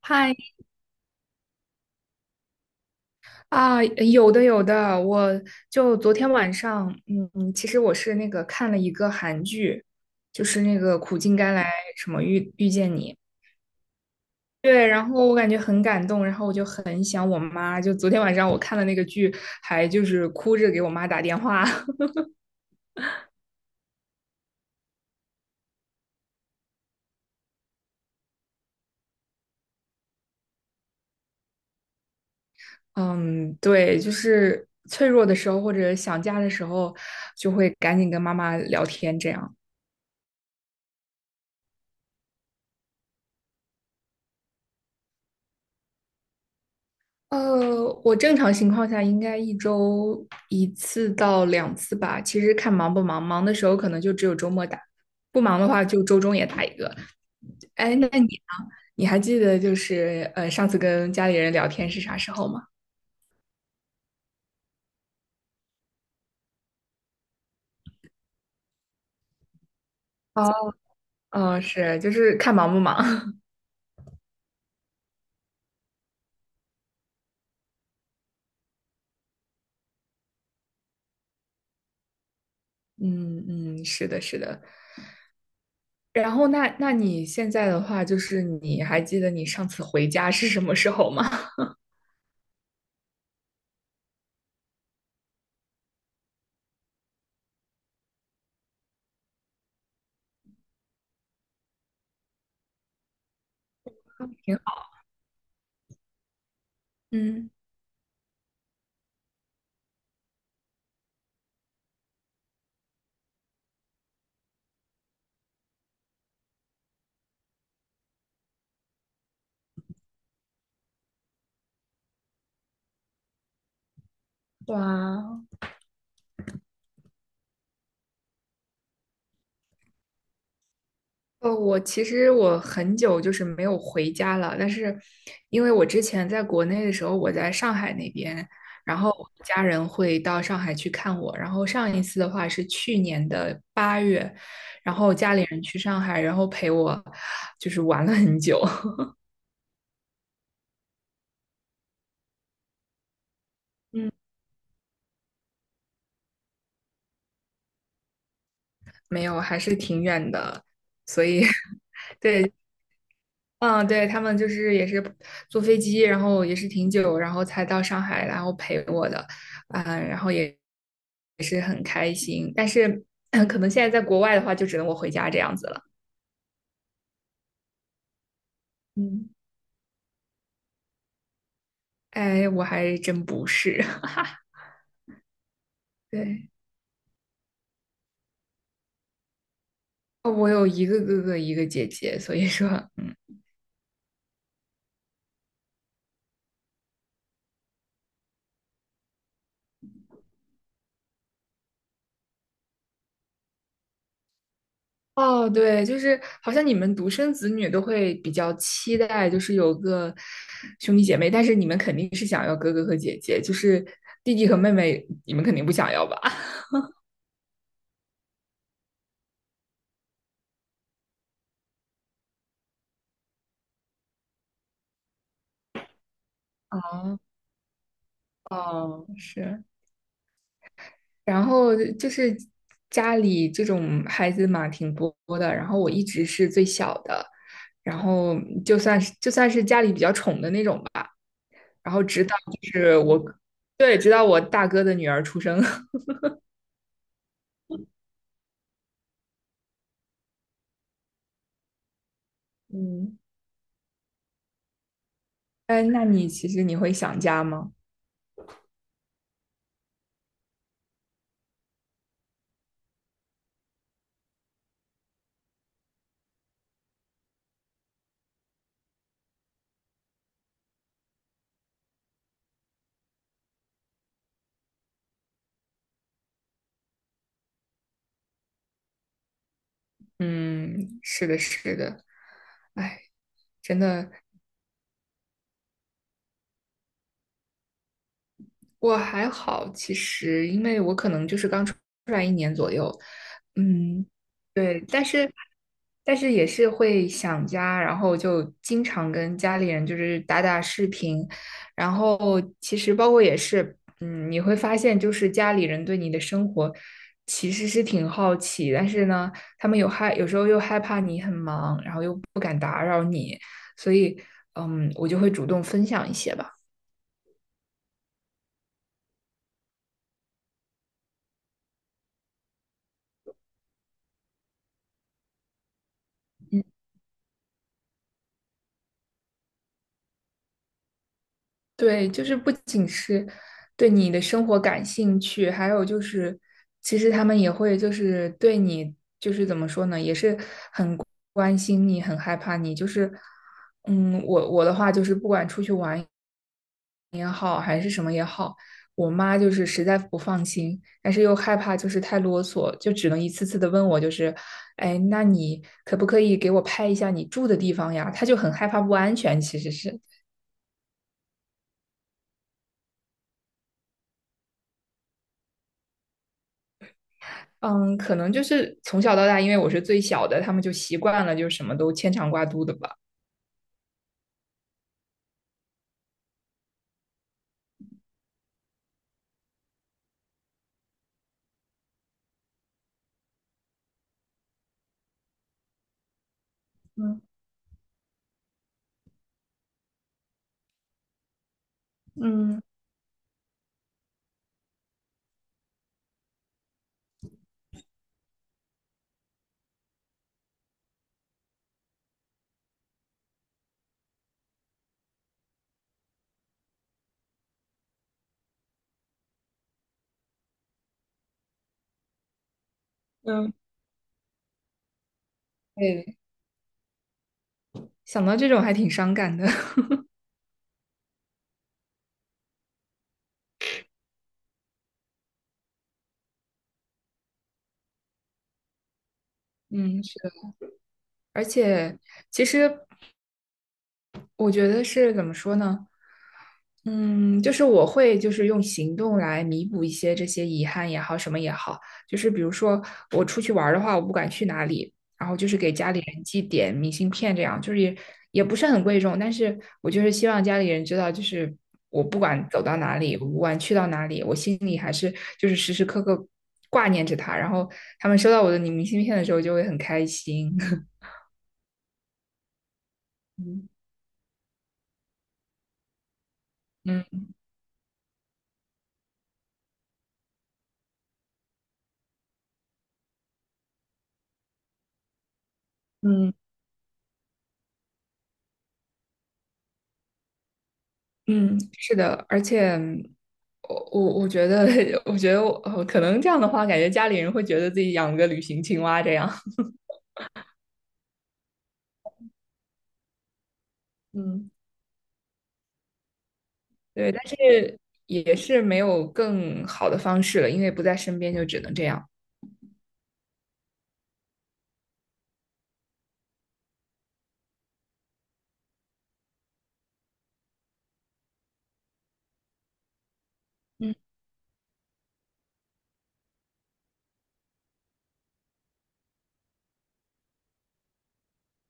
嗨啊，有的有的，我就昨天晚上，其实我是那个看了一个韩剧，就是那个《苦尽甘来》什么遇见你。对，然后我感觉很感动，然后我就很想我妈，就昨天晚上我看了那个剧，还就是哭着给我妈打电话。嗯，对，就是脆弱的时候或者想家的时候，就会赶紧跟妈妈聊天这样。我正常情况下应该一周一次到两次吧。其实看忙不忙，忙的时候可能就只有周末打，不忙的话就周中也打一个。哎，那你呢？你还记得就是上次跟家里人聊天是啥时候吗？哦，哦，是，就是看忙不忙。嗯嗯，是的，是的。然后那你现在的话，就是你还记得你上次回家是什么时候吗？挺好。嗯，哇，呃，我其实我很久就是没有回家了，但是因为我之前在国内的时候，我在上海那边，然后我家人会到上海去看我，然后上一次的话是去年的8月，然后家里人去上海，然后陪我就是玩了很久。嗯，没有，还是挺远的，所以 对，嗯，对，他们就是也是坐飞机，然后也是挺久，然后才到上海，然后陪我的，嗯，然后也也是很开心。但是 可能现在在国外的话，就只能我回家这样子了。嗯，哎，我还真不是。对，哦我有一个哥哥，一个姐姐，所以说，嗯。哦，对，就是好像你们独生子女都会比较期待，就是有个兄弟姐妹，但是你们肯定是想要哥哥和姐姐，就是弟弟和妹妹，你们肯定不想要吧？哦，哦，是，然后就是家里这种孩子嘛，挺多的，然后我一直是最小的，然后就算是家里比较宠的那种吧，然后直到就是我，对，直到我大哥的女儿出生。嗯。哎，那你其实你会想家吗？嗯，是的，是的。哎，真的，我还好，其实因为我可能就是刚出来一年左右，嗯，对，但是但是也是会想家，然后就经常跟家里人就是打打视频，然后其实包括也是，嗯，你会发现就是家里人对你的生活其实是挺好奇，但是呢，他们有时候又害怕你很忙，然后又不敢打扰你，所以嗯，我就会主动分享一些吧。嗯对，就是不仅是对你的生活感兴趣，还有就是，其实他们也会就是对你就是怎么说呢，也是很关心你，很害怕你。就是，嗯，我的话就是，不管出去玩也好，还是什么也好，我妈就是实在不放心，但是又害怕就是太啰嗦，就只能一次次的问我，就是，哎，那你可不可以给我拍一下你住的地方呀？她就很害怕不安全，其实是。嗯，可能就是从小到大，因为我是最小的，他们就习惯了，就什么都牵肠挂肚的吧。嗯嗯，对，想到这种还挺伤感的。嗯，是。而且其实我觉得是怎么说呢？嗯，就是我会就是用行动来弥补一些这些遗憾也好，什么也好，就是比如说我出去玩儿的话，我不管去哪里，然后就是给家里人寄点明信片，这样就是也也不是很贵重，但是我就是希望家里人知道，就是我不管走到哪里，我不管去到哪里，我心里还是就是时时刻刻挂念着他，然后他们收到我的明信片的时候就会很开心。嗯嗯嗯嗯，是的，而且我觉得，我觉得我可能这样的话，感觉家里人会觉得自己养个旅行青蛙这样。嗯，对，但是也是没有更好的方式了，因为不在身边，就只能这样。嗯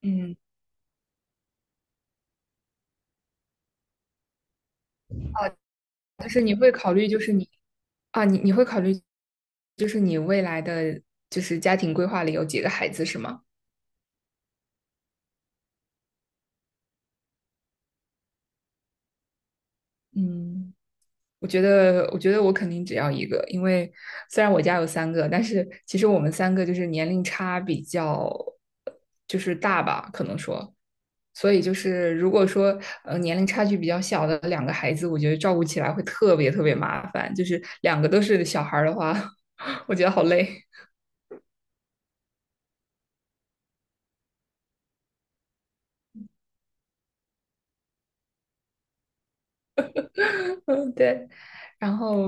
嗯，就是你会考虑，就是你啊，你会考虑，就是你未来的就是家庭规划里有几个孩子是吗？嗯。我觉得，我觉得我肯定只要一个，因为虽然我家有三个，但是其实我们三个就是年龄差比较就是大吧，可能说，所以就是如果说年龄差距比较小的两个孩子，我觉得照顾起来会特别特别麻烦，就是两个都是小孩儿的话，我觉得好累。嗯对，然后。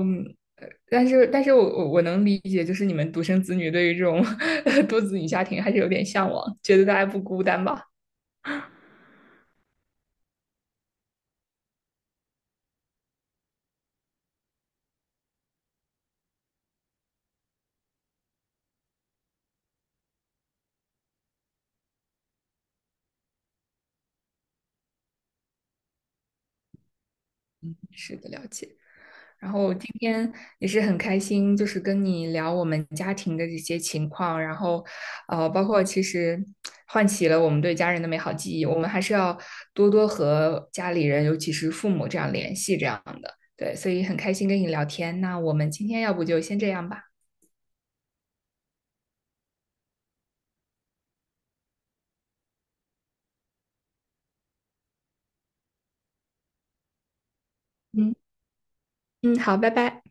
但是，但是我能理解，就是你们独生子女对于这种 多子女家庭还是有点向往，觉得大家不孤单吧。是的，了解。然后今天也是很开心，就是跟你聊我们家庭的这些情况，然后，呃，包括其实唤起了我们对家人的美好记忆。我们还是要多多和家里人，尤其是父母这样联系，这样的。对，所以很开心跟你聊天。那我们今天要不就先这样吧。嗯嗯，好，拜拜。